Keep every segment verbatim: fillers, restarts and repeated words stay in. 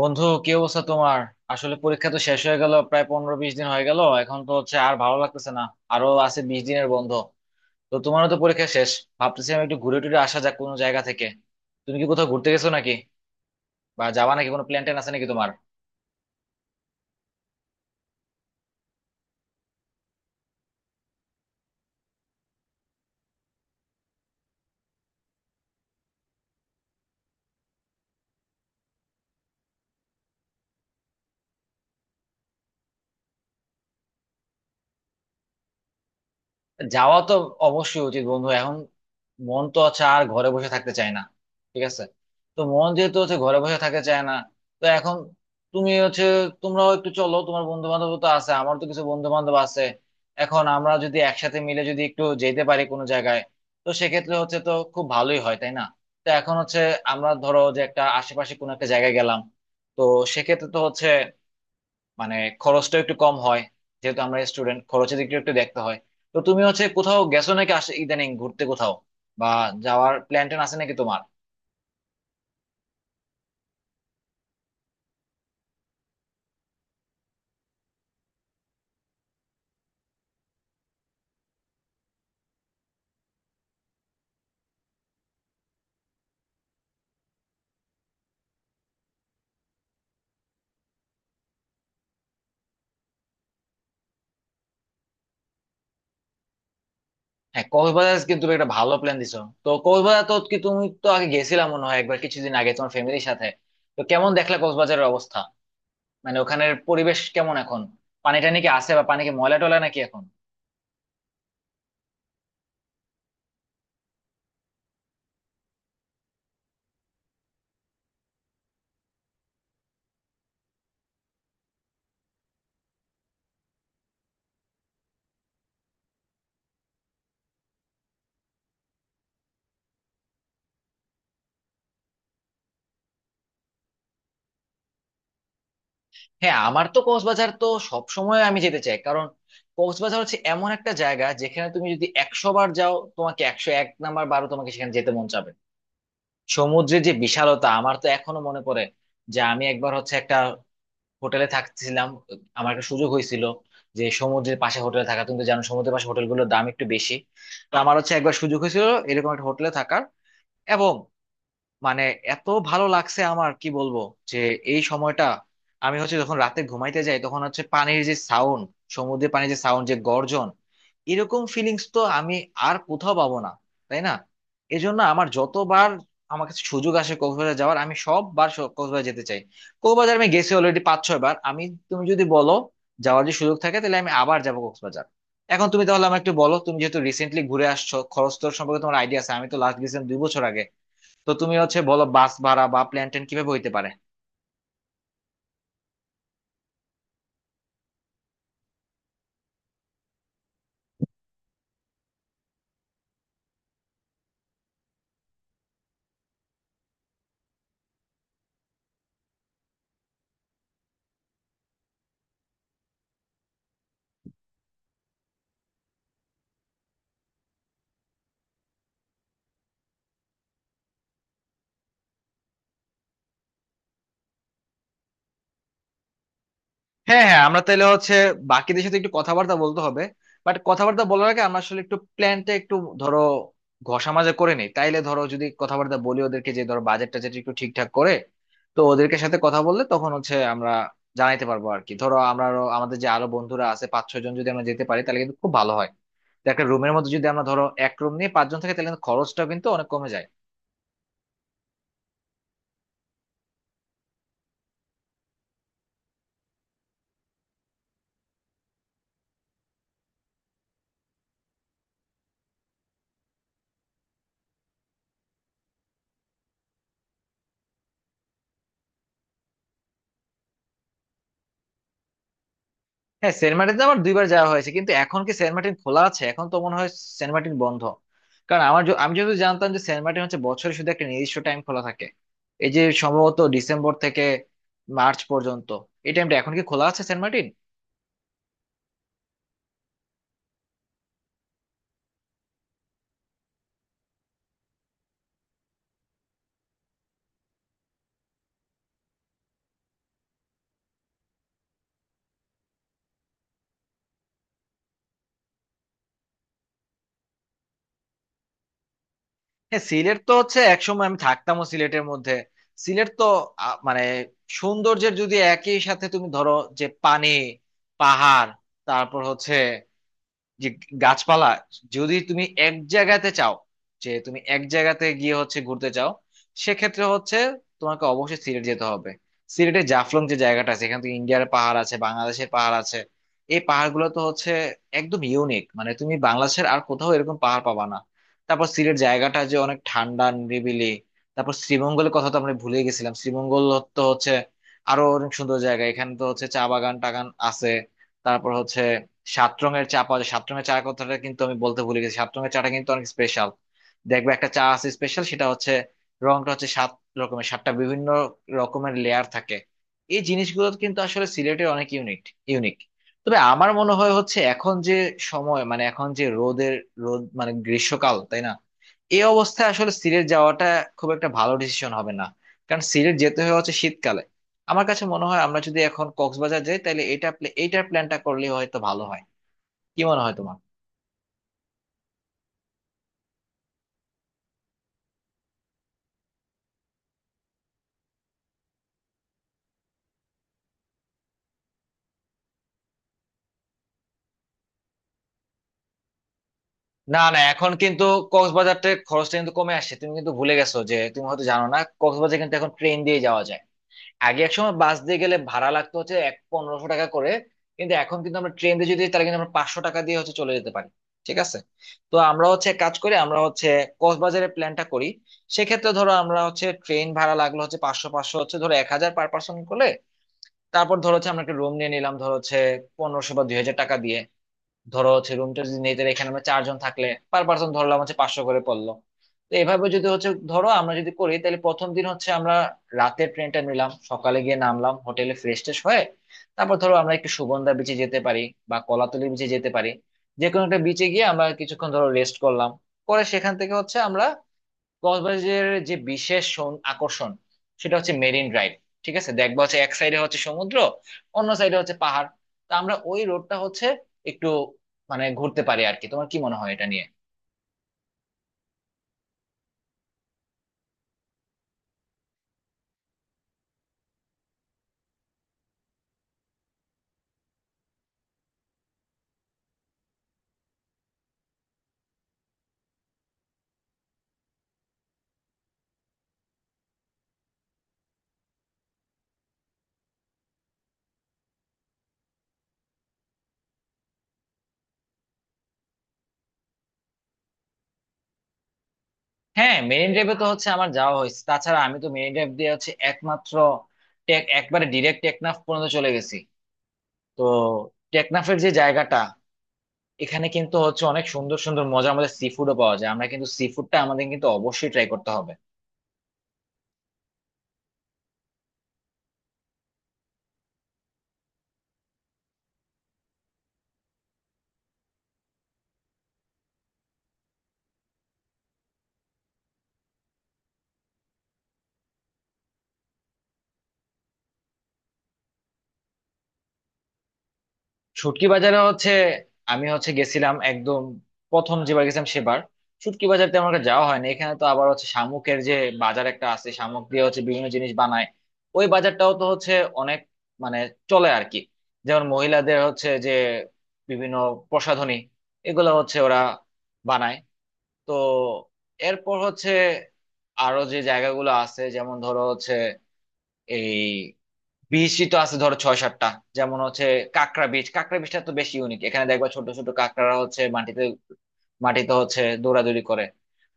বন্ধু, কি অবস্থা তোমার? আসলে পরীক্ষা তো শেষ হয়ে গেল, প্রায় পনেরো বিশ দিন হয়ে গেল। এখন তো হচ্ছে আর ভালো লাগতেছে না। আরো আছে বিশ দিনের বন্ধ। তো তোমারও তো পরীক্ষা শেষ। ভাবতেছিলাম একটু ঘুরে টুরে আসা যাক কোনো জায়গা থেকে। তুমি কি কোথাও ঘুরতে গেছো নাকি? বা যাবা নাকি, কোনো প্ল্যান ট্যান আছে নাকি তোমার? যাওয়া তো অবশ্যই উচিত বন্ধু। এখন মন তো হচ্ছে আর ঘরে বসে থাকতে চায় না। ঠিক আছে, তো মন যেহেতু হচ্ছে ঘরে বসে থাকতে চায় না, তো এখন তুমি হচ্ছে তোমরাও একটু চলো। তোমার বন্ধু বান্ধব তো আছে, আমার তো কিছু বন্ধু বান্ধব আছে। এখন আমরা যদি একসাথে মিলে যদি একটু যেতে পারি কোনো জায়গায়, তো সেক্ষেত্রে হচ্ছে তো খুব ভালোই হয়, তাই না? তো এখন হচ্ছে আমরা ধরো যে একটা আশেপাশে কোনো একটা জায়গায় গেলাম, তো সেক্ষেত্রে তো হচ্ছে মানে খরচটা একটু কম হয়। যেহেতু আমরা স্টুডেন্ট, খরচের দিকটা একটু দেখতে হয়। তো তুমি হচ্ছে কোথাও গেছো নাকি আসে ইদানিং ঘুরতে কোথাও, বা যাওয়ার প্ল্যান ট্যান আছে নাকি তোমার? হ্যাঁ, কক্সবাজার কিন্তু তুমি একটা ভালো প্ল্যান দিছো। তো কক্সবাজার তো কি, তুমি তো আগে গেছিলাম মনে হয় একবার কিছুদিন আগে তোমার ফ্যামিলির সাথে। তো কেমন দেখলা কক্সবাজারের অবস্থা? মানে ওখানের পরিবেশ কেমন এখন? পানি টানি কি আছে, বা পানি কি ময়লা টলা নাকি এখন? হ্যাঁ, আমার তো কক্সবাজার তো সব সময় আমি যেতে চাই। কারণ কক্সবাজার হচ্ছে এমন একটা জায়গা যেখানে তুমি যদি একশো বার যাও, তোমাকে একশো এক নাম্বার বারও তোমাকে সেখানে যেতে মন চাবে। সমুদ্রের যে বিশালতা, আমার তো এখনো মনে পড়ে যে আমি একবার হচ্ছে একটা হোটেলে থাকতেছিলাম। আমার একটা সুযোগ হয়েছিল যে সমুদ্রের পাশে হোটেলে থাকা। তুমি তো জানো সমুদ্রের পাশে হোটেলগুলোর দাম একটু বেশি। তো আমার হচ্ছে একবার সুযোগ হয়েছিল এরকম একটা হোটেলে থাকার, এবং মানে এত ভালো লাগছে, আমার কি বলবো! যে এই সময়টা আমি হচ্ছে যখন রাতে ঘুমাইতে যাই, তখন হচ্ছে পানির যে সাউন্ড, সমুদ্রের পানির যে সাউন্ড, যে গর্জন, এরকম ফিলিংস তো আমি আর কোথাও পাবো না, তাই না? এজন্য আমার যতবার আমার কাছে সুযোগ আসে কক্সবাজার যাওয়ার, আমি সববার স- কক্সবাজার যেতে চাই। কক্সবাজার আমি গেছি অলরেডি পাঁচ ছয় বার আমি। তুমি যদি বলো, যাওয়ার যে সুযোগ থাকে, তাহলে আমি আবার যাবো কক্সবাজার। এখন তুমি তাহলে আমাকে একটু বলো, তুমি যেহেতু রিসেন্টলি ঘুরে আসছো, খরচ তোর সম্পর্কে তোমার আইডিয়া আছে। আমি তো লাস্ট গেছিলাম দুই বছর আগে। তো তুমি হচ্ছে বলো বাস ভাড়া বা প্ল্যান ট্যান কিভাবে হইতে পারে। হ্যাঁ হ্যাঁ, আমরা তাহলে হচ্ছে বাকিদের সাথে একটু কথাবার্তা বলতে হবে। বাট কথাবার্তা বলার আগে আমরা আসলে একটু প্ল্যানটা একটু ধরো ঘষা মাজা করে নিই। তাইলে ধরো যদি কথাবার্তা বলি ওদেরকে, যে ধরো বাজেট টাজেট একটু ঠিকঠাক করে, তো ওদেরকে সাথে কথা বললে তখন হচ্ছে আমরা জানাইতে পারবো আর কি। ধরো আমরা আরো- আমাদের যে আরো বন্ধুরা আছে পাঁচ ছয় জন, যদি আমরা যেতে পারি তাহলে কিন্তু খুব ভালো হয়। তো একটা রুমের মধ্যে যদি আমরা ধরো এক রুম নিয়ে পাঁচজন থাকে, তাহলে কিন্তু খরচটা কিন্তু অনেক কমে যায়। হ্যাঁ, সেন্ট মার্টিন আমার দুইবার যাওয়া হয়েছে, কিন্তু এখন কি সেন্ট মার্টিন খোলা আছে? এখন তো মনে হয় সেন্ট মার্টিন বন্ধ। কারণ আমার য- আমি যদি জানতাম যে সেন্ট মার্টিন হচ্ছে বছরে শুধু একটা নির্দিষ্ট টাইম খোলা থাকে, এই যে সম্ভবত ডিসেম্বর থেকে মার্চ পর্যন্ত। এই টাইমটা এখন কি খোলা আছে সেন্ট মার্টিন? হ্যাঁ, সিলেট তো হচ্ছে একসময় আমি থাকতামও সিলেটের মধ্যে। সিলেট তো আ, মানে সৌন্দর্যের যদি একই সাথে তুমি ধরো, যে পানি, পাহাড়, তারপর হচ্ছে যে গাছপালা, যদি তুমি এক জায়গাতে চাও, যে তুমি এক জায়গাতে গিয়ে হচ্ছে ঘুরতে চাও, সেক্ষেত্রে হচ্ছে তোমাকে অবশ্যই সিলেট যেতে হবে। সিলেটে জাফলং যে জায়গাটা আছে, এখানে তো ইন্ডিয়ার পাহাড় আছে, বাংলাদেশের পাহাড় আছে। এই পাহাড়গুলো তো হচ্ছে একদম ইউনিক, মানে তুমি বাংলাদেশের আর কোথাও এরকম পাহাড় পাবা না। তারপর সিলেট জায়গাটা যে অনেক ঠান্ডা, নিরিবিলি। তারপর শ্রীমঙ্গলের কথা তো আমরা ভুলে গেছিলাম, শ্রীমঙ্গল তো হচ্ছে আরো অনেক সুন্দর জায়গা। এখানে তো হচ্ছে চা বাগান টাগান আছে। তারপর হচ্ছে সাত রঙের চা পাওয়া যায়। সাত রঙের চা কথাটা কিন্তু আমি বলতে ভুলে গেছি। সাত রঙের চাটা কিন্তু অনেক স্পেশাল। দেখবে একটা চা আছে স্পেশাল, সেটা হচ্ছে রংটা হচ্ছে সাত রকমের, সাতটা বিভিন্ন রকমের লেয়ার থাকে। এই জিনিসগুলো কিন্তু আসলে সিলেটে অনেক ইউনিক ইউনিক তবে আমার মনে হয় হচ্ছে এখন যে সময়, মানে এখন যে রোদের রোদ, মানে গ্রীষ্মকাল, তাই না? এই অবস্থায় আসলে সিলেট যাওয়াটা খুব একটা ভালো ডিসিশন হবে না, কারণ সিলেট যেতে হয় হচ্ছে শীতকালে। আমার কাছে মনে হয় আমরা যদি এখন কক্সবাজার যাই, তাহলে এটা প্লে- এইটার প্ল্যানটা করলে হয়তো ভালো হয়। কি মনে হয় তোমার? না না, এখন কিন্তু কক্সবাজারতে খরচটা কিন্তু কমে আসছে। তুমি কিন্তু ভুলে গেছো যে তুমি হয়তো জানো না, কক্সবাজার কিন্তু এখন ট্রেন দিয়ে যাওয়া যায়। আগে এক সময় বাস দিয়ে গেলে ভাড়া লাগতো হচ্ছে এক পনেরোশো টাকা করে, কিন্তু এখন কিন্তু আমরা ট্রেন দিয়ে যদি যাই, তাহলে কিন্তু আমরা পাঁচশো টাকা দিয়ে হচ্ছে চলে যেতে পারি। ঠিক আছে, তো আমরা হচ্ছে এক কাজ করি, আমরা হচ্ছে কক্সবাজারের প্ল্যানটা করি। সেক্ষেত্রে ধরো আমরা হচ্ছে ট্রেন ভাড়া লাগলো হচ্ছে পাঁচশো, পাঁচশো হচ্ছে ধরো এক হাজার পার পার্সন করলে। তারপর ধরো হচ্ছে আমরা একটা রুম নিয়ে নিলাম ধরো হচ্ছে পনেরোশো বা দুই হাজার টাকা দিয়ে। ধরো হচ্ছে রুমটা যদি নেই, তাহলে এখানে আমরা চারজন থাকলে পার পার্সন ধরলাম হচ্ছে পাঁচশো করে পড়লো। তো এভাবে যদি হচ্ছে ধরো আমরা যদি করি, তাহলে প্রথম দিন হচ্ছে আমরা রাতের ট্রেনটা নিলাম, সকালে গিয়ে নামলাম হোটেলে, ফ্রেশ ট্রেশ হয়ে তারপর ধরো আমরা একটু সুগন্ধা বিচে যেতে পারি বা কলাতলি বিচে যেতে পারি। যে কোনো একটা বিচে গিয়ে আমরা কিছুক্ষণ ধরো রেস্ট করলাম। পরে সেখান থেকে হচ্ছে আমরা কক্সবাজারের যে বিশেষ সৌন- আকর্ষণ, সেটা হচ্ছে মেরিন ড্রাইভ। ঠিক আছে, দেখবা হচ্ছে এক সাইডে হচ্ছে সমুদ্র, অন্য সাইডে হচ্ছে পাহাড়। তা আমরা ওই রোডটা হচ্ছে একটু মানে ঘুরতে পারি আর কি। তোমার কি মনে হয় এটা নিয়ে? হ্যাঁ, মেরিন ড্রাইভে তো হচ্ছে আমার যাওয়া হয়েছে, তাছাড়া আমি তো মেরিন ড্রাইভ দিয়ে হচ্ছে একমাত্র টেক একবারে ডিরেক্ট টেকনাফ পর্যন্ত চলে গেছি। তো টেকনাফের যে জায়গাটা, এখানে কিন্তু হচ্ছে অনেক সুন্দর সুন্দর মজার মজার সি ফুডও পাওয়া যায়। আমরা কিন্তু সি ফুডটা আমাদের কিন্তু অবশ্যই ট্রাই করতে হবে। শুটকি বাজারে হচ্ছে আমি হচ্ছে গেছিলাম একদম প্রথম যেবার গেছিলাম সেবার। শুটকি বাজার তেমন একটা যাওয়া হয়নি। এখানে তো আবার হচ্ছে শামুকের যে বাজার একটা আছে, শামুক দিয়ে হচ্ছে বিভিন্ন জিনিস বানায়। ওই বাজারটাও তো হচ্ছে অনেক মানে চলে আর কি। যেমন মহিলাদের হচ্ছে যে বিভিন্ন প্রসাধনী, এগুলো হচ্ছে ওরা বানায়। তো এরপর হচ্ছে আরো যে জায়গাগুলো আছে, যেমন ধরো হচ্ছে এই বিচই তো আছে ধরো ছয় সাতটা। যেমন হচ্ছে কাঁকড়া বিচ, কাঁকড়া বিচটা তো বেশি ইউনিক। এখানে দেখবা ছোট ছোট কাঁকড়ারা হচ্ছে মাটিতে মাটিতে হচ্ছে দৌড়াদৌড়ি করে।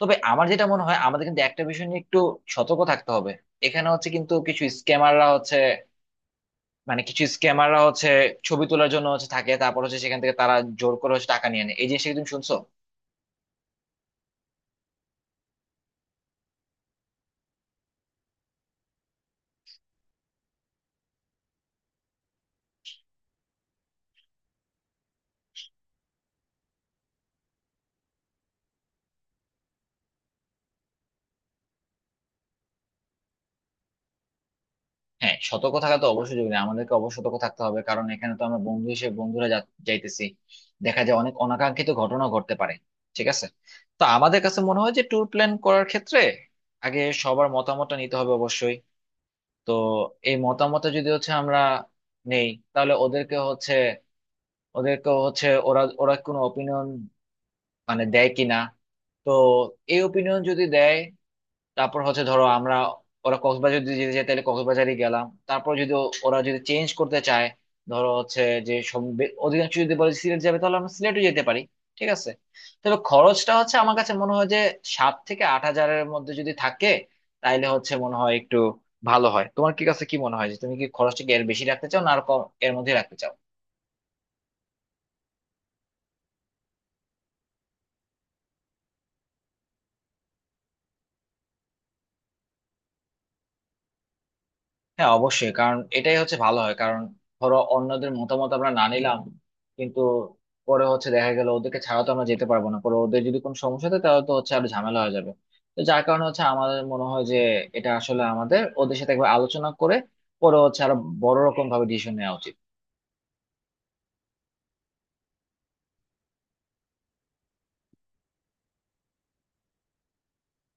তবে আমার যেটা মনে হয়, আমাদের কিন্তু একটা বিষয় নিয়ে একটু সতর্ক থাকতে হবে। এখানে হচ্ছে কিন্তু কিছু স্ক্যামাররা হচ্ছে, মানে কিছু স্ক্যামাররা হচ্ছে ছবি তোলার জন্য হচ্ছে থাকে, তারপর হচ্ছে সেখান থেকে তারা জোর করে হচ্ছে টাকা নিয়ে নেয়। এই জিনিসটা কি তুমি শুনছো? হ্যাঁ, সতর্ক থাকা তো অবশ্যই জরুরি, আমাদেরকে অবশ্য সতর্ক থাকতে হবে। কারণ এখানে তো আমরা বন্ধু হিসেবে বন্ধুরা যা- যাইতেছি, দেখা যায় অনেক অনাকাঙ্ক্ষিত ঘটনা ঘটতে পারে। ঠিক আছে, তো আমাদের কাছে মনে হয় যে ট্যুর প্ল্যান করার ক্ষেত্রে আগে সবার মতামতটা নিতে হবে অবশ্যই। তো এই মতামতটা যদি হচ্ছে আমরা নেই, তাহলে ওদেরকে হচ্ছে, ওদেরকে হচ্ছে ওরা ওরা কোনো অপিনিয়ন মানে দেয় কিনা। তো এই অপিনিয়ন যদি দেয়, তারপর হচ্ছে ধরো আমরা, ওরা কক্সবাজার যদি যেতে চায় তাহলে কক্সবাজারই গেলাম। তারপর যদি ও- ওরা যদি চেঞ্জ করতে চায়, ধরো হচ্ছে যে সব বে- অধিকাংশ যদি বলে সিলেট যাবে, তাহলে আমরা সিলেটও যেতে পারি। ঠিক আছে, তবে খরচটা হচ্ছে আমার কাছে মনে হয় যে সাত থেকে আট হাজারের মধ্যে যদি থাকে, তাইলে হচ্ছে মনে হয় একটু ভালো হয়। তোমার কি কাছে কি মনে হয়, যে তুমি কি খরচটা কি এর বেশি রাখতে চাও, না আর কম এর মধ্যে রাখতে চাও? হ্যাঁ, অবশ্যই কারণ এটাই হচ্ছে ভালো হয়। কারণ ধরো অন্যদের মতামত আমরা না নিলাম, কিন্তু পরে হচ্ছে দেখা গেল ওদেরকে ছাড়া তো আমরা যেতে পারবো না। পরে ওদের যদি কোনো সমস্যা হয়, তাহলে তো হচ্ছে আরো ঝামেলা হয়ে যাবে। তো যার কারণে হচ্ছে আমাদের মনে হয় যে, এটা আসলে আমাদের ওদের সাথে একবার আলোচনা করে পরে হচ্ছে আরো বড় রকম ভাবে ডিসিশন নেওয়া উচিত।